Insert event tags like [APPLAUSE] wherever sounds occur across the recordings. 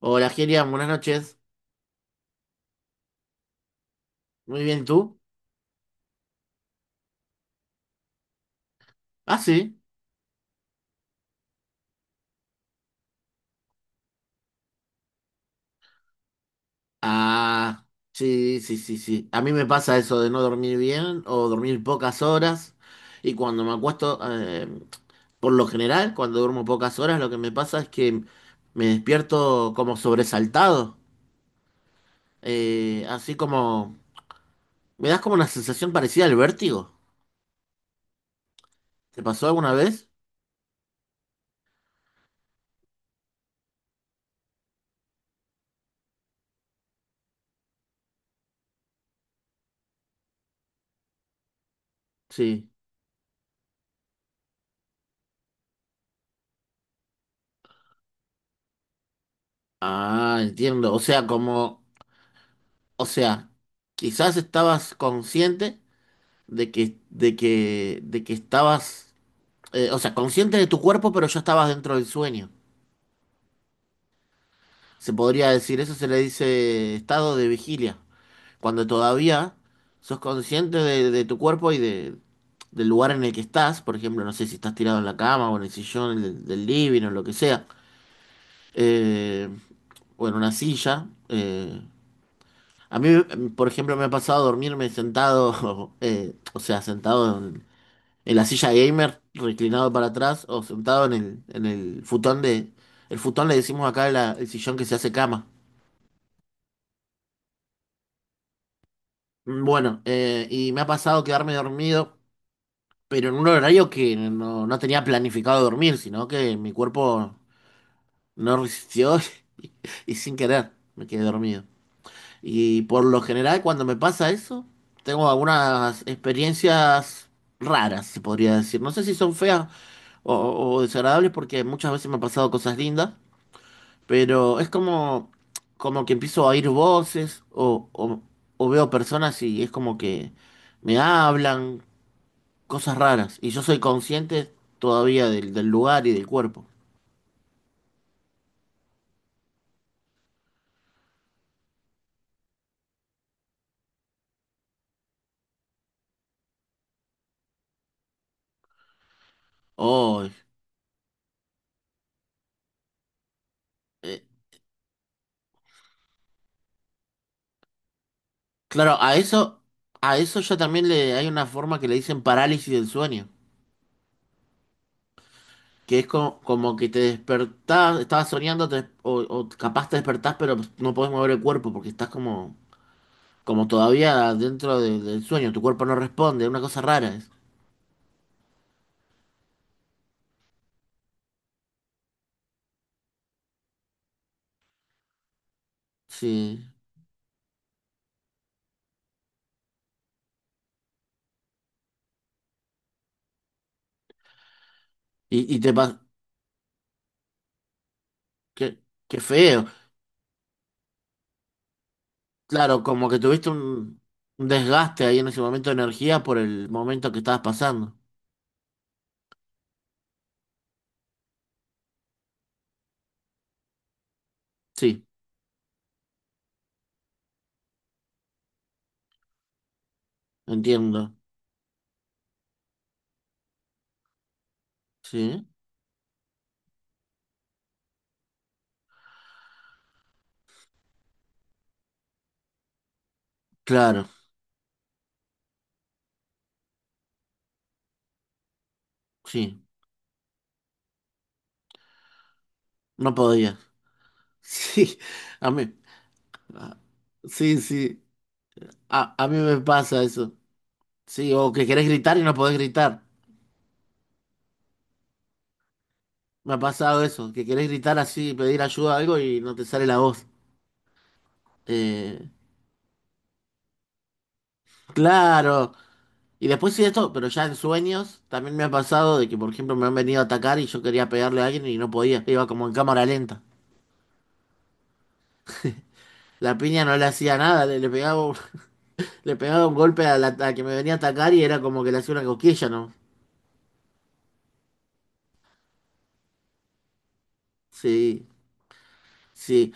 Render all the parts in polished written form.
Hola, Gerian, buenas noches. Muy bien, ¿y tú? Ah, sí. Ah, sí, sí, sí, sí. A mí me pasa eso de no dormir bien o dormir pocas horas. Y cuando me acuesto, por lo general, cuando duermo pocas horas, lo que me pasa es que me despierto como sobresaltado. Así como... Me das como una sensación parecida al vértigo. ¿Te pasó alguna vez? Sí. Ah, entiendo. O sea, como... O sea, quizás estabas consciente de que estabas, o sea, consciente de tu cuerpo, pero ya estabas dentro del sueño. Se podría decir, eso se le dice estado de vigilia, cuando todavía sos consciente de tu cuerpo y del lugar en el que estás, por ejemplo, no sé si estás tirado en la cama o en el sillón del living o lo que sea, eh, o en una silla. A mí, por ejemplo, me ha pasado dormirme sentado, [LAUGHS] o sea, en la silla gamer, reclinado para atrás o sentado en en el futón de... El futón le decimos acá el sillón que se hace cama. Bueno, y me ha pasado quedarme dormido, pero en un horario que no tenía planificado dormir, sino que mi cuerpo no resistió [LAUGHS] y, y sin querer me quedé dormido. Y por lo general cuando me pasa eso, tengo algunas experiencias raras, se podría decir. No sé si son feas o desagradables porque muchas veces me han pasado cosas lindas. Pero es como, como que empiezo a oír voces o veo personas y es como que me hablan, cosas raras. Y yo soy consciente todavía del lugar y del cuerpo. Oh, eh, claro, a eso ya también le hay una forma que le dicen parálisis del sueño. Que es como, como que te despertás, estabas soñando o capaz te despertás pero no podés mover el cuerpo porque estás como, como todavía del sueño, tu cuerpo no responde, una cosa rara es. Sí. Y te pasó. Qué, qué feo. Claro, como que tuviste un desgaste ahí en ese momento de energía por el momento que estabas pasando. Sí, entiendo. Sí. Claro, sí. No podía. [LAUGHS] Sí, a mí. a- Sí, sí. A mí me pasa eso. Sí, o que querés gritar y no podés gritar. Me ha pasado eso, que querés gritar así, pedir ayuda a algo y no te sale la voz. Eh, claro. Y después sí esto, pero ya en sueños también me ha pasado de que, por ejemplo, me han venido a atacar y yo quería pegarle a alguien y no podía. Iba como en cámara lenta. La piña no le hacía nada, le pegaba, [LAUGHS] le pegaba un golpe a la a que me venía a atacar y era como que le hacía una cosquilla, ¿no? Sí, sí,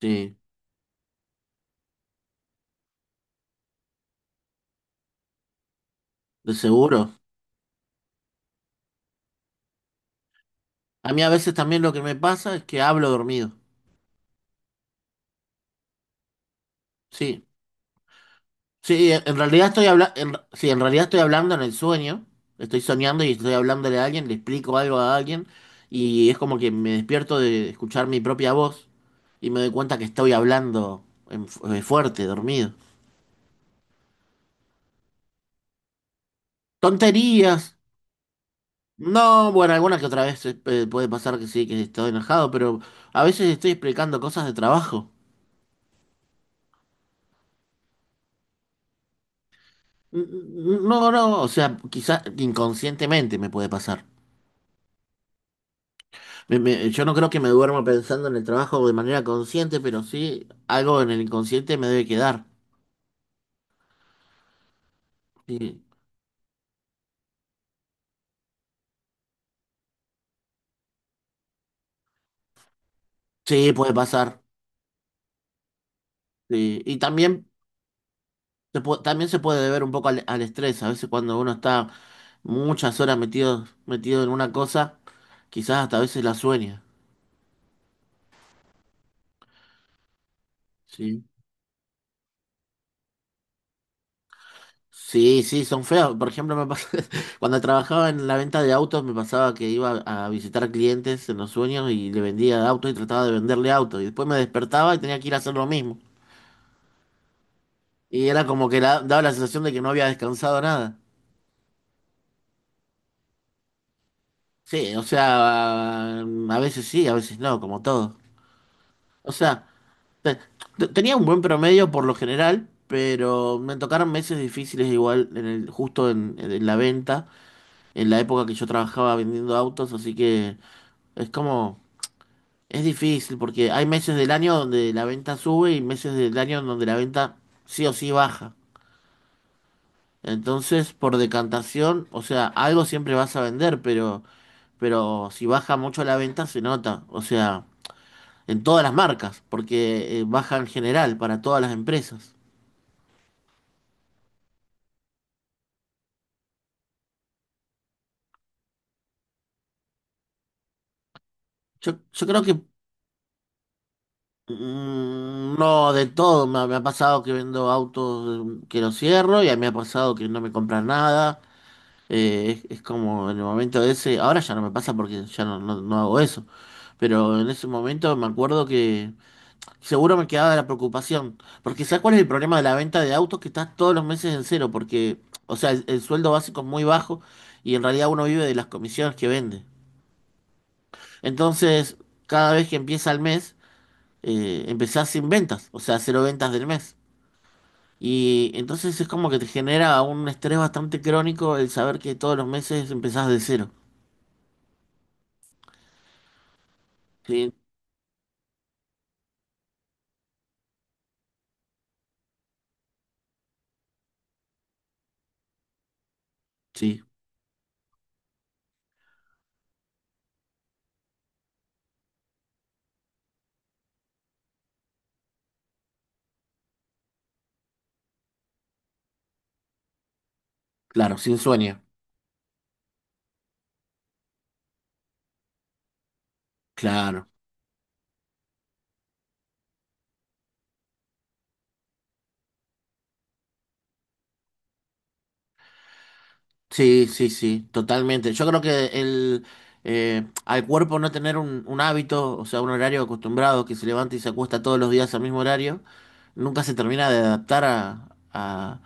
sí, de seguro. A mí a veces también lo que me pasa es que hablo dormido. Sí, sí, en realidad sí, en realidad estoy hablando en el sueño. Estoy soñando y estoy hablándole a alguien, le explico algo a alguien y es como que me despierto de escuchar mi propia voz. Y me doy cuenta que estoy fuerte, dormido. Tonterías. No, bueno, alguna que otra vez puede pasar que sí, que estoy enojado, pero a veces estoy explicando cosas de trabajo. No, no, o sea, quizás inconscientemente me puede pasar. Yo no creo que me duerma pensando en el trabajo de manera consciente, pero sí algo en el inconsciente me debe quedar. Sí, sí, puede pasar. Sí. Y también también se puede deber un poco al estrés. A veces cuando uno está muchas horas metido en una cosa, quizás hasta a veces la sueña. Sí. Sí, sí, son feas. Por ejemplo, [LAUGHS] cuando trabajaba en la venta de autos, me pasaba que iba a visitar clientes en los sueños y le vendía autos y trataba de venderle autos. Y después me despertaba y tenía que ir a hacer lo mismo. Y era como que daba la sensación de que no había descansado nada. Sí, o sea, a veces sí, a veces no, como todo. O sea. Te- Tenía un buen promedio por lo general, pero me tocaron meses difíciles igual en el, justo en la venta, en la época que yo trabajaba vendiendo autos, así que es como, es difícil porque hay meses del año donde la venta sube y meses del año donde la venta sí o sí baja. Entonces, por decantación, o sea, algo siempre vas a vender, pero si baja mucho la venta se nota, o sea, en todas las marcas, porque baja en general para todas las empresas. Yo creo que no de todo. Me ha pasado que vendo autos que los cierro y a mí me ha pasado que no me compran nada. Es como en el momento ese. Ahora ya no me pasa porque no hago eso. Pero en ese momento me acuerdo que seguro me quedaba la preocupación. Porque ¿sabes cuál es el problema de la venta de autos? Que estás todos los meses en cero. Porque, o sea, el sueldo básico es muy bajo y en realidad uno vive de las comisiones que vende. Entonces, cada vez que empieza el mes. Empezás sin ventas, o sea, cero ventas del mes. Y entonces es como que te genera un estrés bastante crónico el saber que todos los meses empezás de cero. Sí, sí, claro, sin sueño, claro. Sí, sí, sí, totalmente. Yo creo que al cuerpo no tener un hábito, o sea, un horario acostumbrado que se levanta y se acuesta todos los días al mismo horario, nunca se termina de adaptar a,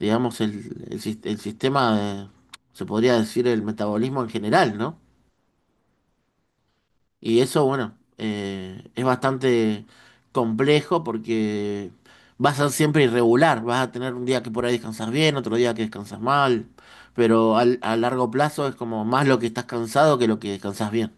digamos, el sistema de, se podría decir, el metabolismo en general, ¿no? Y eso, bueno, es bastante complejo porque va a ser siempre irregular, vas a tener un día que por ahí descansas bien, otro día que descansas mal, pero a largo plazo es como más lo que estás cansado que lo que descansas bien.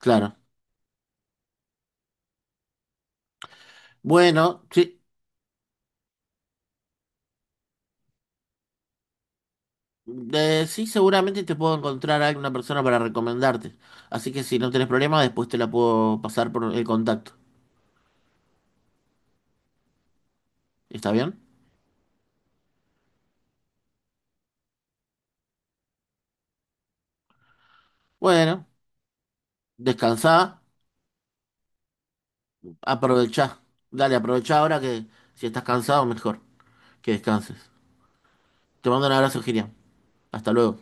Claro. Bueno, sí, sí, seguramente te puedo encontrar a alguna persona para recomendarte. Así que si no tenés problema, después te la puedo pasar por el contacto. ¿Está bien? Bueno, descansá, aprovechá. Dale, aprovechá ahora que si estás cansado, mejor. Que descanses. Te mando un abrazo, Girian. Hasta luego.